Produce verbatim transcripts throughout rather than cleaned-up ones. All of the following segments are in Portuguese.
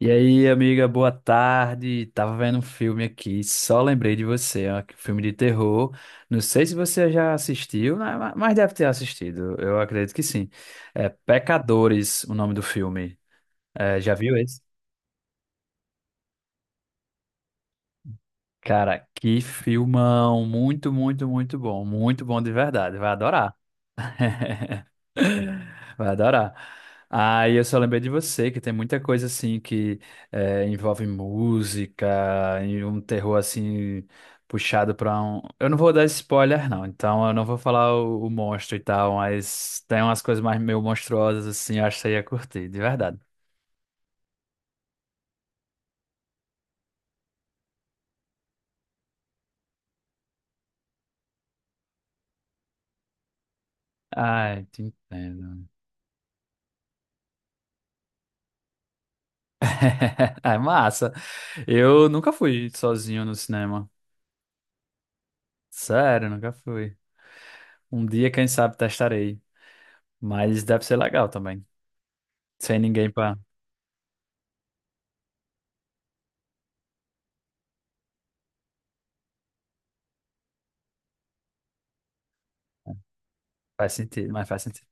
E aí, amiga, boa tarde. Tava vendo um filme aqui, só lembrei de você, ó, que filme de terror. Não sei se você já assistiu, né, ma- mas deve ter assistido. Eu acredito que sim. É Pecadores, o nome do filme. É, já viu esse? Cara, que filmão, muito, muito, muito bom, muito bom de verdade. Vai adorar. Vai adorar. Aí eu só lembrei de você, que tem muita coisa assim que eh, envolve música e um terror assim puxado pra um. Eu não vou dar spoiler, não, então eu não vou falar o, o monstro e tal, mas tem umas coisas mais meio monstruosas assim, eu acho que você ia curtir, de verdade. Ai, te entendo. É massa. Eu nunca fui sozinho no cinema. Sério, nunca fui. Um dia, quem sabe, testarei. Mas deve ser legal também. Sem ninguém pra. Faz sentido, mas faz sentido.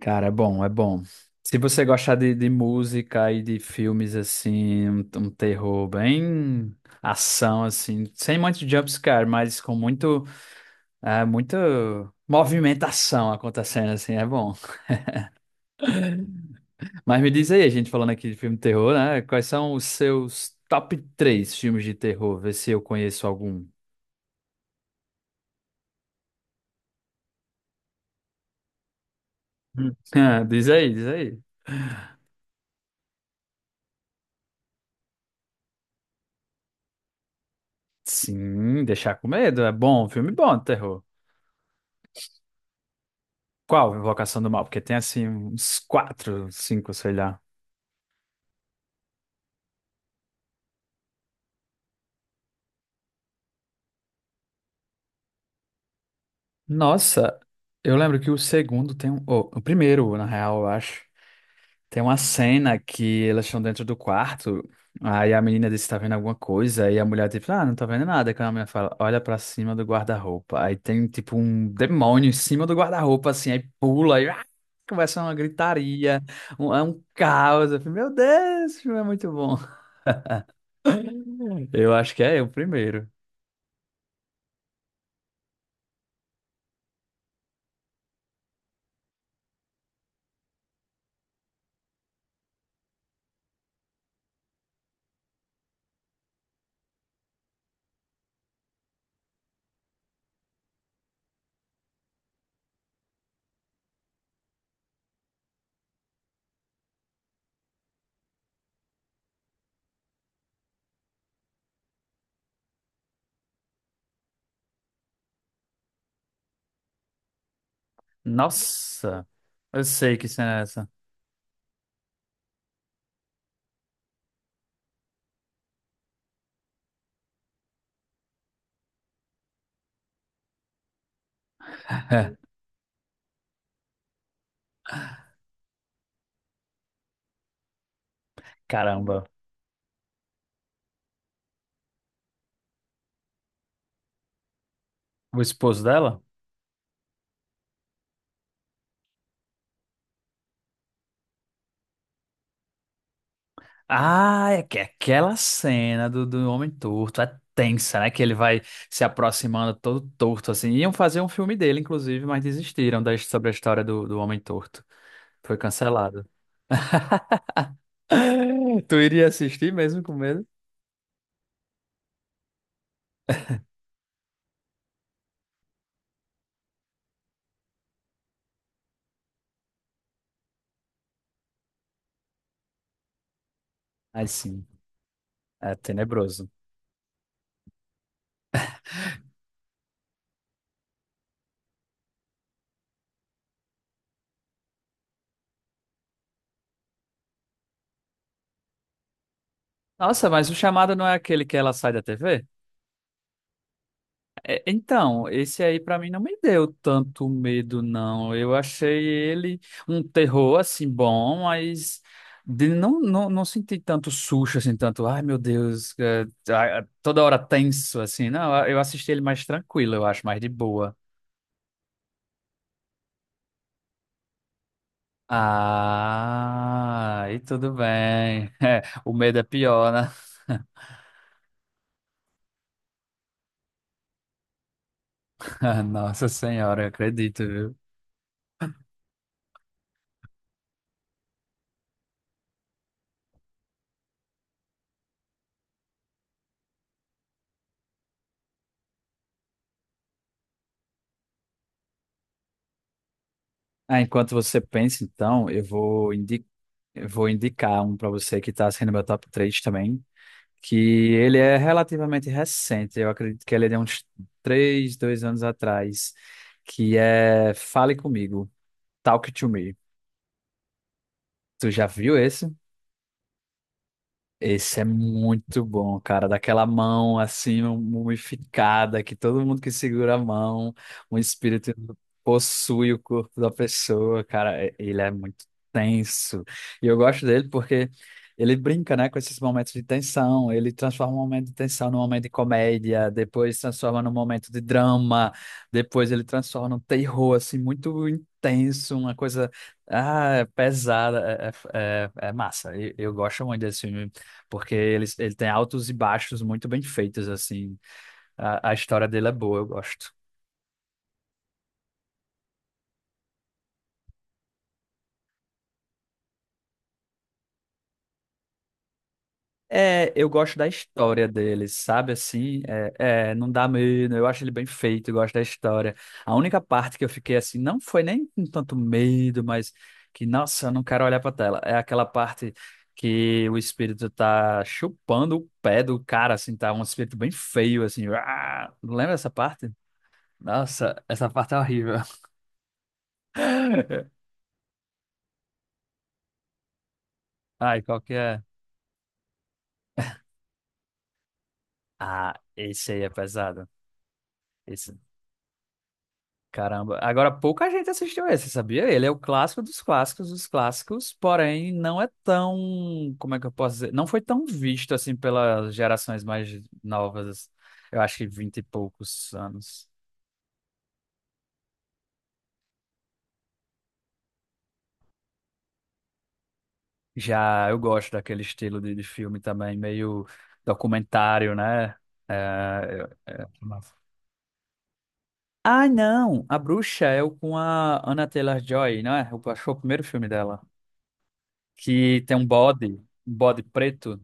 Cara, é bom, é bom. Se você gostar de, de música e de filmes assim, um, um terror bem ação assim, sem muito jumpscare, mas com muito, é, muito movimentação acontecendo assim, é bom. Mas me diz aí, a gente falando aqui de filme de terror, né? Quais são os seus top três filmes de terror? Vê se eu conheço algum. Hum. Ah, diz aí, diz aí. Sim, deixar com medo, é bom, filme bom de terror. Qual Invocação do Mal? Porque tem assim uns quatro, cinco, sei lá. Nossa, eu lembro que o segundo tem um. Oh, o primeiro, na real, eu acho. Tem uma cena que elas estão dentro do quarto. Aí a menina disse: tá vendo alguma coisa? E a mulher, tipo, ah, não tá vendo nada. Aí a menina fala: olha pra cima do guarda-roupa. Aí tem, tipo, um demônio em cima do guarda-roupa, assim. Aí pula, e ah, começa uma gritaria, um, é um caos. Eu falei, Meu Deus, esse filme é muito bom. Eu acho que é o primeiro. Nossa, eu sei que cena é essa. Caramba, o esposo dela? Ah, é que é aquela cena do, do homem torto é tensa, né? Que ele vai se aproximando todo torto, assim. Iam fazer um filme dele, inclusive, mas desistiram da, sobre a história do, do homem torto. Foi cancelado. Tu iria assistir mesmo com medo? Ai, sim, é tenebroso. Nossa, mas o chamado não é aquele que ela sai da T V? É, então, esse aí pra mim não me deu tanto medo, não. Eu achei ele um terror, assim, bom, mas de- não, não, não senti tanto susto, assim, tanto, ai meu Deus, é, ah, toda hora tenso, assim. Não, eu assisti ele mais tranquilo, eu acho, mais de boa. Ah, e tudo bem. É, o medo é pior, né? Nossa Senhora, eu acredito, viu? Ah, enquanto você pensa, então, eu vou, indi eu vou indicar um para você que está sendo meu top três também, que ele é relativamente recente, eu acredito que ele é de uns três, dois anos atrás, que é Fale Comigo, Talk to Me. Tu já viu esse? Esse é muito bom, cara. Daquela mão assim, mumificada, que todo mundo que segura a mão, o espírito possui o corpo da pessoa, cara. E- Ele é muito tenso. E eu gosto dele porque ele brinca, né, com esses momentos de tensão. Ele transforma um momento de tensão num momento de comédia, depois transforma num momento de drama, depois ele transforma num terror, assim, muito intenso, uma coisa. Ah, é pesada, é, é, é- é massa. Eu, eu gosto muito desse filme porque ele, ele tem altos e baixos muito bem feitos, assim. A, a história dele é boa, eu gosto. É, eu gosto da história dele, sabe? Assim, é, é, não dá medo, eu acho ele bem feito, eu gosto da história. A única parte que eu fiquei assim, não foi nem com tanto medo, mas que, nossa, eu não quero olhar pra tela. É aquela parte que o espírito tá chupando o pé do cara, assim, tá um espírito bem feio, assim. Ah, lembra essa parte? Nossa, essa parte é horrível. Ai, qual que é? Ah, esse aí é pesado. Esse, caramba. Agora, pouca gente assistiu esse, sabia? Ele é o clássico dos clássicos dos clássicos, porém não é tão, como é que eu posso dizer? Não foi tão visto assim pelas gerações mais novas. Eu acho que vinte e poucos anos. Já eu gosto daquele estilo de, de filme também, meio documentário, né? É, é- Ah, não! A Bruxa é o com a Anna Taylor-Joy, não é? Eu acho que foi o primeiro filme dela. Que tem um bode, um bode preto.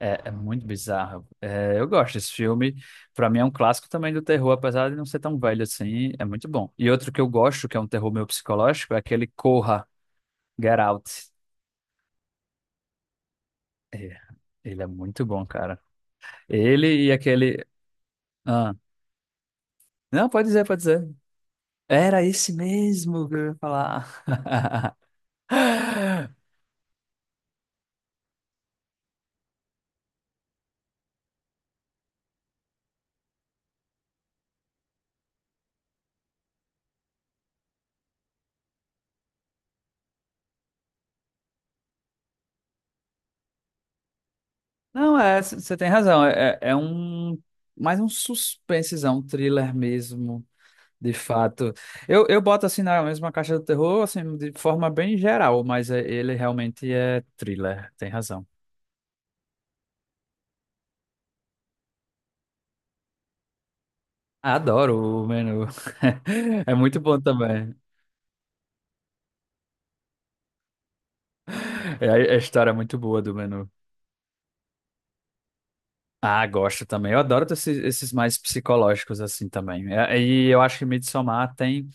É, é muito bizarro. É, eu gosto desse filme. Pra mim é um clássico também do terror, apesar de não ser tão velho assim. É muito bom. E outro que eu gosto, que é um terror meio psicológico, é aquele Corra, Get Out. É, ele é muito bom, cara. Ele e aquele. Ah, não, pode dizer, pode dizer. Era esse mesmo que eu ia falar. Não, é, você tem razão. É, é é um. Mais um suspensezão, um thriller mesmo. De fato. Eu, eu boto assim na mesma caixa do terror, assim, de forma bem geral, mas é- ele realmente é thriller, tem razão. Adoro o menu. É muito bom também. É, a história é muito boa do menu. Ah, gosto também. Eu adoro esses, esses mais psicológicos assim também. É, e eu acho que Midsommar tem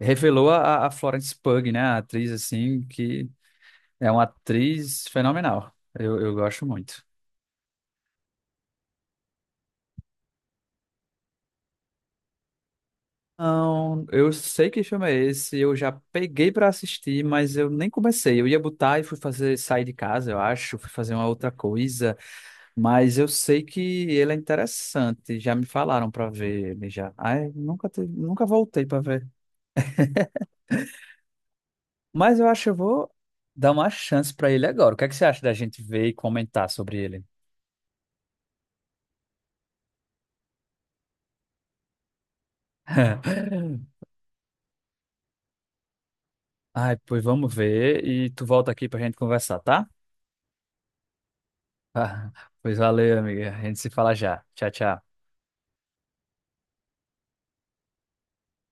revelou a, a Florence Pugh, né, a atriz assim que é uma atriz fenomenal. Eu, eu gosto muito. Não, eu sei que filme é esse, eu já peguei pra assistir, mas eu nem comecei. Eu ia botar e fui fazer sair de casa, eu acho, fui fazer uma outra coisa, mas eu sei que ele é interessante, já me falaram pra ver ele já. Ai, nunca te- nunca voltei pra ver. Mas eu acho que eu vou dar uma chance pra ele agora. O que é que você acha da gente ver e comentar sobre ele? Ai, pois vamos ver e tu volta aqui pra gente conversar, tá? Ah, pois valeu, amiga. A gente se fala já. Tchau, tchau.